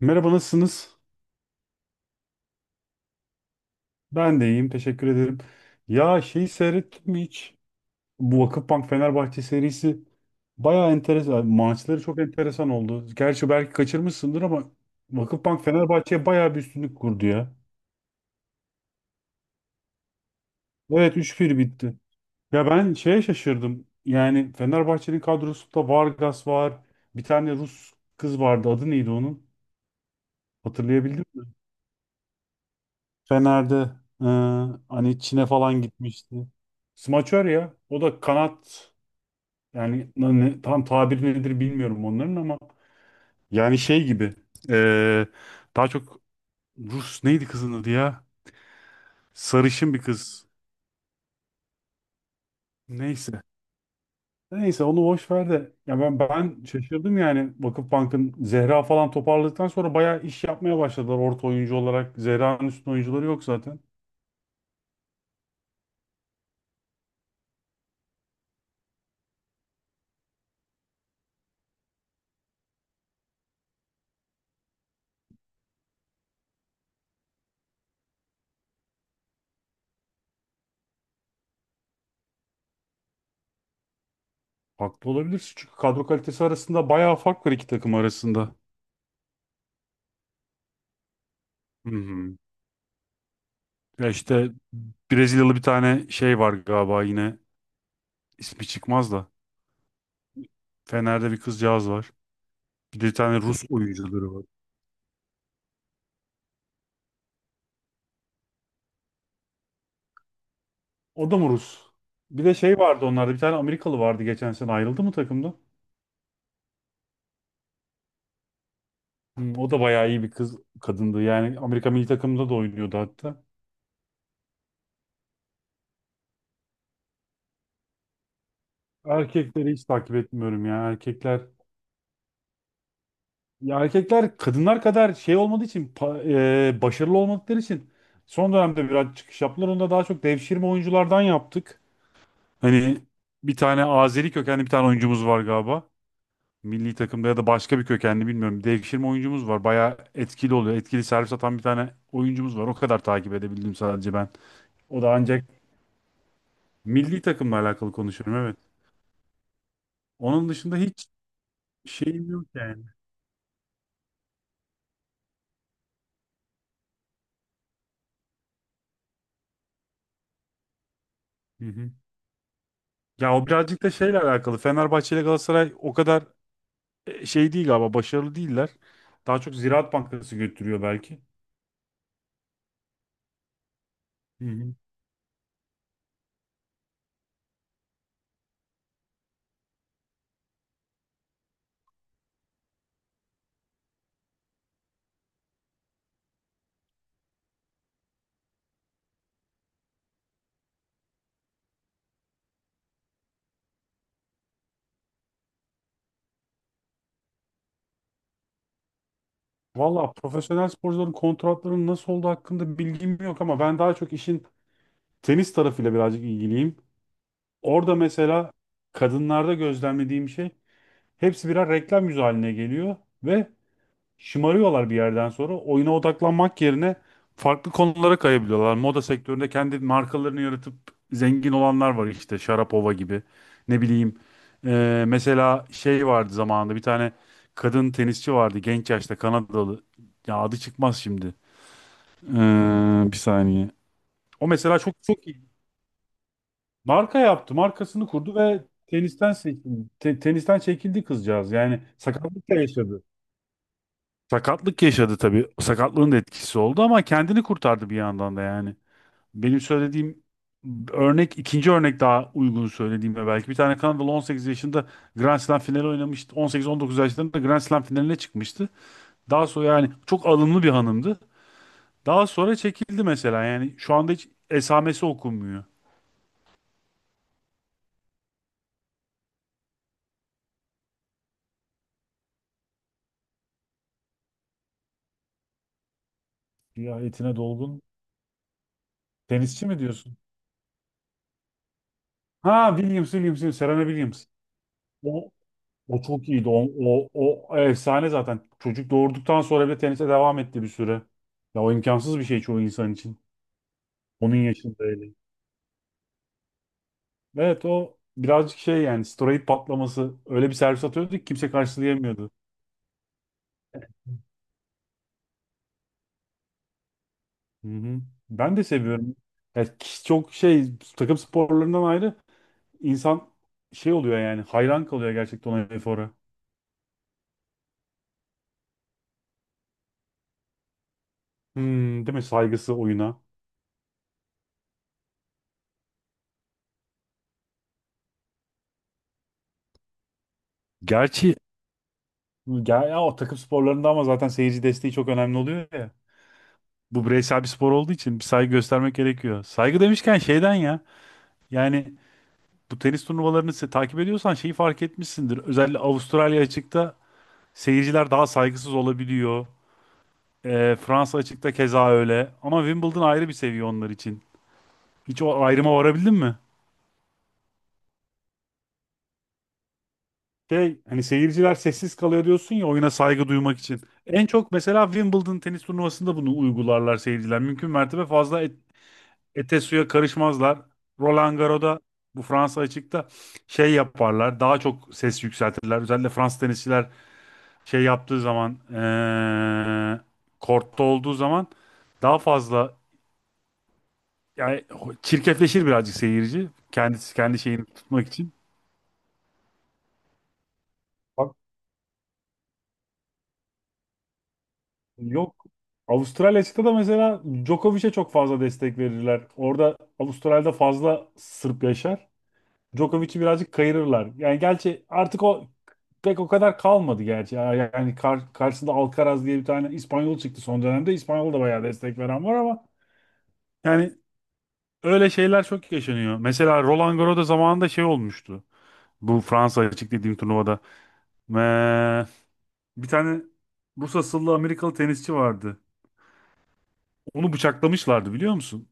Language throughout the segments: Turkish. Merhaba, nasılsınız? Ben de iyiyim, teşekkür ederim. Ya şeyi seyrettin mi hiç? Bu Vakıfbank Fenerbahçe serisi bayağı enteresan. Maçları çok enteresan oldu. Gerçi belki kaçırmışsındır ama Vakıfbank Fenerbahçe'ye bayağı bir üstünlük kurdu ya. Evet, üç 1 bitti. Ya ben şeye şaşırdım. Yani Fenerbahçe'nin kadrosunda Vargas var. Bir tane Rus kız vardı. Adı neydi onun? Hatırlayabildim mi? Fener'de, e, hani Çin'e falan gitmişti. Smaçör ya. O da kanat. Yani tam tabir nedir bilmiyorum onların ama yani şey gibi, eee, daha çok. Rus, neydi kızın adı ya? Sarışın bir kız. Neyse. Neyse onu boş ver de ya ben şaşırdım, yani Vakıfbank'ın Zehra falan toparladıktan sonra bayağı iş yapmaya başladılar orta oyuncu olarak. Zehra'nın üstün oyuncuları yok zaten. Haklı olabilirsin çünkü kadro kalitesi arasında bayağı fark var iki takım arasında. Hı hı. Ya işte Brezilyalı bir tane şey var galiba yine, ismi çıkmaz da. Fener'de bir kızcağız var. Bir de bir tane Rus oyuncuları var. O da mı Rus? Bir de şey vardı onlarda. Bir tane Amerikalı vardı geçen sene. Ayrıldı mı takımda? Hmm, o da bayağı iyi bir kız, kadındı. Yani Amerika milli takımında da oynuyordu hatta. Erkekleri hiç takip etmiyorum ya. Erkekler, ya erkekler kadınlar kadar şey olmadığı için, başarılı olmadıkları için son dönemde biraz çıkış yaptılar. Onu da daha çok devşirme oyunculardan yaptık. Hani bir tane Azeri kökenli bir tane oyuncumuz var galiba. Milli takımda ya da başka bir kökenli bilmiyorum. Devşirme oyuncumuz var. Bayağı etkili oluyor. Etkili servis atan bir tane oyuncumuz var. O kadar takip edebildim sadece ben. O da ancak milli takımla alakalı konuşuyorum evet. Onun dışında hiç şeyim yok yani. Hı hı. Ya o birazcık da şeyle alakalı. Fenerbahçe ile Galatasaray o kadar şey değil galiba. Başarılı değiller. Daha çok Ziraat Bankası götürüyor belki. Hı hı. Valla profesyonel sporcuların kontratlarının nasıl olduğu hakkında bilgim yok ama ben daha çok işin tenis tarafıyla birazcık ilgiliyim. Orada mesela kadınlarda gözlemlediğim şey, hepsi birer reklam yüzü haline geliyor ve şımarıyorlar bir yerden sonra. Oyuna odaklanmak yerine farklı konulara kayabiliyorlar. Moda sektöründe kendi markalarını yaratıp zengin olanlar var, işte Sharapova gibi. Ne bileyim, mesela şey vardı zamanında, bir tane kadın tenisçi vardı genç yaşta, Kanadalı. Ya adı çıkmaz şimdi. Bir saniye. O mesela çok çok marka yaptı, markasını kurdu ve tenisten seçildi. Tenisten çekildi kızcağız. Yani sakatlık da yaşadı. Sakatlık yaşadı tabii. Sakatlığın da etkisi oldu ama kendini kurtardı bir yandan da yani. Benim söylediğim örnek, ikinci örnek daha uygun söylediğimde belki. Bir tane Kanadalı 18 yaşında Grand Slam finali oynamıştı. 18-19 yaşlarında Grand Slam finaline çıkmıştı. Daha sonra, yani çok alımlı bir hanımdı. Daha sonra çekildi mesela, yani şu anda hiç esamesi okunmuyor. Ya etine dolgun tenisçi mi diyorsun? Ha, Williams, Williams, Williams, Serena Williams. O, o çok iyiydi. O efsane zaten. Çocuk doğurduktan sonra bile tenise devam etti bir süre. Ya o imkansız bir şey çoğu insan için. Onun yaşında öyle. Evet, o birazcık şey yani, steroid patlaması. Öyle bir servis atıyordu ki kimse karşılayamıyordu. Hı hı. Ben de seviyorum. Ya çok şey, takım sporlarından ayrı, insan şey oluyor yani, hayran kalıyor gerçekten ona, efora. Hmm, değil mi? Saygısı oyuna. Gerçi. Ya o takım sporlarında ama zaten seyirci desteği çok önemli oluyor ya. Bu bireysel bir spor olduğu için bir saygı göstermek gerekiyor. Saygı demişken şeyden ya. Yani bu tenis turnuvalarını takip ediyorsan şeyi fark etmişsindir. Özellikle Avustralya açıkta seyirciler daha saygısız olabiliyor. Fransa açıkta keza öyle. Ama Wimbledon ayrı bir seviye onlar için. Hiç o ayrıma varabildin mi? Şey, hani seyirciler sessiz kalıyor diyorsun ya, oyuna saygı duymak için. En çok mesela Wimbledon tenis turnuvasında bunu uygularlar seyirciler. Mümkün mertebe fazla ete suya karışmazlar. Roland Garros'da, bu Fransa açıkta, şey yaparlar. Daha çok ses yükseltirler. Özellikle Fransız tenisçiler şey yaptığı zaman, kortta olduğu zaman daha fazla, yani çirkefleşir birazcık seyirci. Kendisi kendi şeyini tutmak için. Bak, yok. Avustralya açıkta da mesela Djokovic'e çok fazla destek verirler. Orada Avustralya'da fazla Sırp yaşar. Djokovic'i birazcık kayırırlar. Yani gerçi artık o pek o kadar kalmadı gerçi. Yani karşısında Alcaraz diye bir tane İspanyol çıktı son dönemde. İspanyol da bayağı destek veren var ama yani, öyle şeyler çok yaşanıyor. Mesela Roland Garros'da zamanında şey olmuştu. Bu Fransa açık dediğim turnuvada. Eee, bir tane Rus asıllı Amerikalı tenisçi vardı. Onu bıçaklamışlardı, biliyor musun?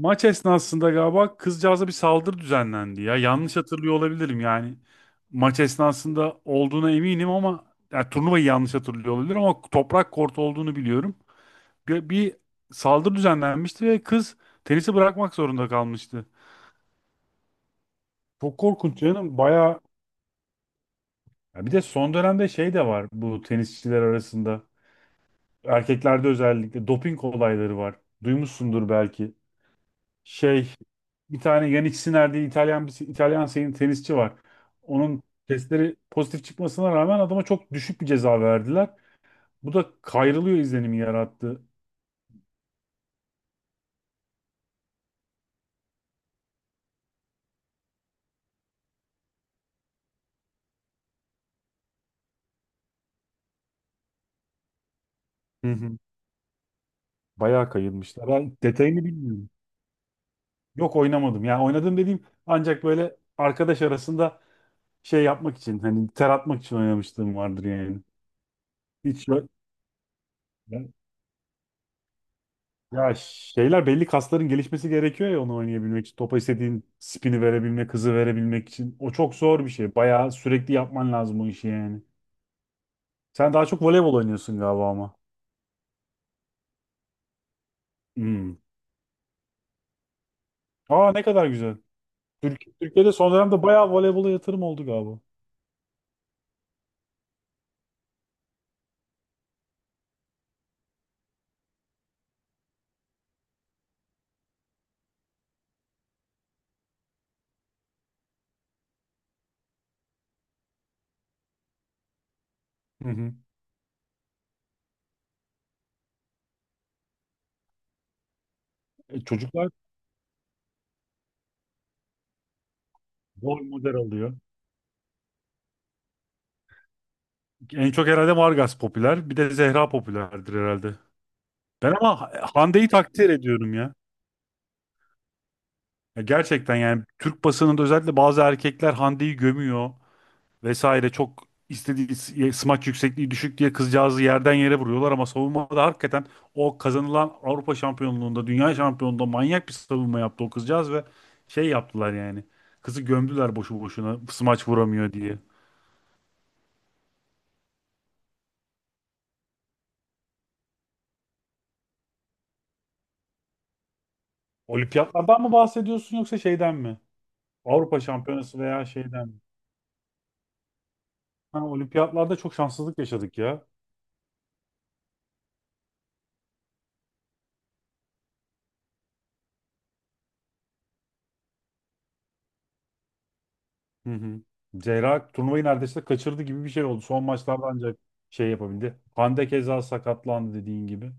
Maç esnasında galiba kızcağıza bir saldırı düzenlendi ya. Yanlış hatırlıyor olabilirim yani. Maç esnasında olduğuna eminim ama yani turnuvayı yanlış hatırlıyor olabilirim ama toprak kort olduğunu biliyorum. Bir saldırı düzenlenmişti ve kız tenisi bırakmak zorunda kalmıştı. Çok korkunç canım. Bayağı. Ya bir de son dönemde şey de var bu tenisçiler arasında. Erkeklerde özellikle doping olayları var. Duymuşsundur belki. Şey, bir tane Yannick Sinner diye İtalyan, bir İtalyan sayın tenisçi var. Onun testleri pozitif çıkmasına rağmen adama çok düşük bir ceza verdiler. Bu da kayrılıyor izlenimi yarattı. Hı hı. Bayağı kayılmışlar. Ben detayını bilmiyorum. Yok, oynamadım. Yani oynadım dediğim ancak böyle arkadaş arasında şey yapmak için, hani ter atmak için oynamışlığım vardır yani. Hiç ö- Ben- Ya şeyler, belli kasların gelişmesi gerekiyor ya onu oynayabilmek için. Topa istediğin spini verebilmek, hızı verebilmek için. O çok zor bir şey. Bayağı sürekli yapman lazım o işi yani. Sen daha çok voleybol oynuyorsun galiba ama. Hmm. Aa, ne kadar güzel. Türkiye'de son dönemde bayağı voleybola yatırım oldu galiba. Hı hı. Çocuklar rol model alıyor. En çok herhalde Vargas popüler. Bir de Zehra popülerdir herhalde. Ben ama Hande'yi takdir ediyorum ya. Ya gerçekten, yani Türk basınında özellikle bazı erkekler Hande'yi gömüyor vesaire. Çok istediği smaç yüksekliği düşük diye kızcağızı yerden yere vuruyorlar ama savunmada hakikaten o kazanılan Avrupa şampiyonluğunda, dünya şampiyonluğunda manyak bir savunma yaptı o kızcağız ve şey yaptılar yani. Kızı gömdüler boşu boşuna, smaç vuramıyor diye. Olimpiyatlardan mı bahsediyorsun yoksa şeyden mi? Avrupa şampiyonası veya şeyden mi? Ha, olimpiyatlarda çok şanssızlık yaşadık ya. Hı hı. Zehra turnuvayı neredeyse kaçırdı gibi bir şey oldu. Son maçlarda ancak şey yapabildi. Hande keza sakatlandı dediğin gibi.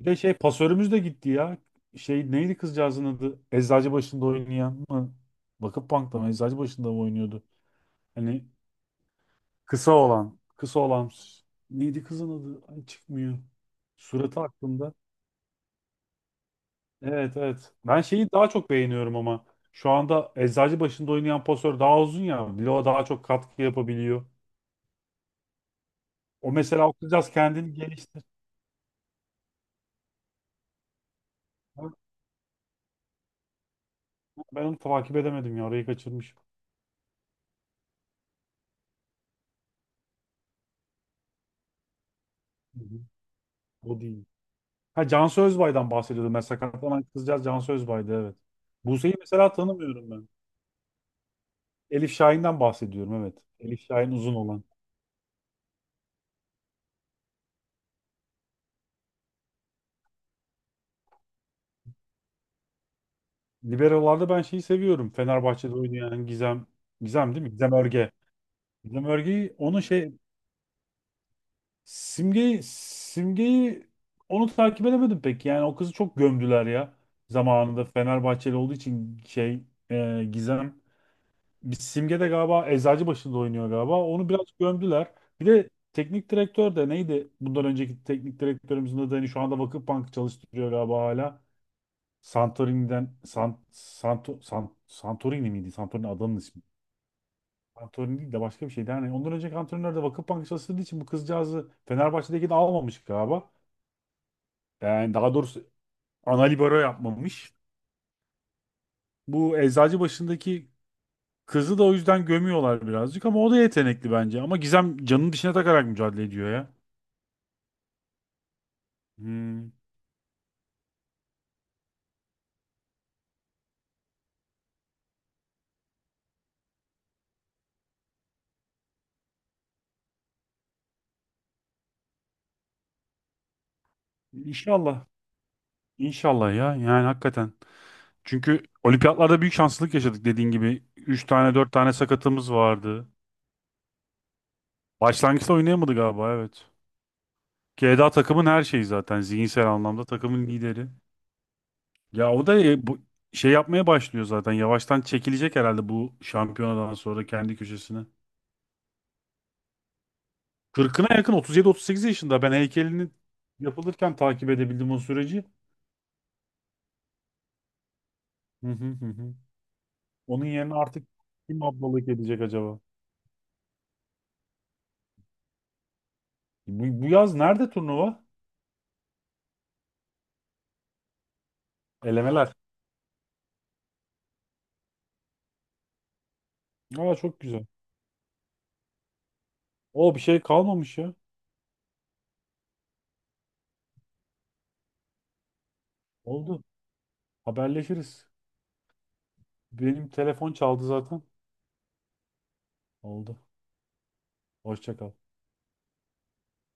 Bir de şey, pasörümüz de gitti ya. Şey, neydi kızcağızın adı? Eczacıbaşı'nda oynayan mı? Vakıfbank'ta mı? Eczacıbaşı'nda mı oynuyordu? Hani kısa olan. Kısa olan. Neydi kızın adı? Ay, çıkmıyor. Suratı aklımda. Evet, evet. Ben şeyi daha çok beğeniyorum ama. Şu anda eczacı başında oynayan pasör daha uzun ya. Bloğa daha çok katkı yapabiliyor. O mesela okuyacağız, kendini geliştir. Ben onu takip edemedim ya. Orayı kaçırmışım. Hı hı. O değil. Ha, Cansu Özbay'dan bahsediyordum. Mesela sakatlanan kızcağız Cansu Özbay'dı evet. Buse'yi mesela tanımıyorum ben. Elif Şahin'den bahsediyorum evet. Elif Şahin uzun olan. Liberolarda ben şeyi seviyorum. Fenerbahçe'de oynayan Gizem. Gizem değil mi? Gizem Örge. Gizem Örge'yi, onun şey, Simge'yi onu takip edemedim pek. Yani o kızı çok gömdüler ya. Zamanında Fenerbahçeli olduğu için şey, Gizem. Bir Simge de galiba Eczacıbaşı'nda oynuyor galiba. Onu biraz gömdüler. Bir de teknik direktör de neydi? Bundan önceki teknik direktörümüzün adı, hani şu anda Vakıfbank'ı çalıştırıyor galiba hala. Santorini'den Santorini miydi? Santorini adamın ismi. Santorini değil de başka bir şeydi. Yani ondan önceki antrenör de Vakıfbank'ı çalıştırdığı için bu kızcağızı, Fenerbahçe'deki de, almamış galiba. Yani daha doğrusu ana libero yapmamış. Bu Eczacıbaşı'ndaki kızı da o yüzden gömüyorlar birazcık ama o da yetenekli bence. Ama Gizem canını dişine takarak mücadele ediyor ya. Hmm. İnşallah. İnşallah ya. Yani hakikaten. Çünkü olimpiyatlarda büyük şanslılık yaşadık dediğin gibi. 3 tane, 4 tane sakatımız vardı. Başlangıçta oynayamadı galiba evet. Keda takımın her şeyi zaten. Zihinsel anlamda takımın lideri. Ya o da, bu şey yapmaya başlıyor zaten. Yavaştan çekilecek herhalde bu şampiyonadan sonra kendi köşesine. Kırkına yakın, 37, 38 yaşında. Ben heykelini yapılırken takip edebildim o süreci. Hı hı hı. Hı. Onun yerine artık kim ablalık edecek acaba? Bu yaz nerede turnuva? Elemeler. Aa, çok güzel. O, bir şey kalmamış ya. Oldu. Haberleşiriz. Benim telefon çaldı zaten. Oldu. Hoşça kal.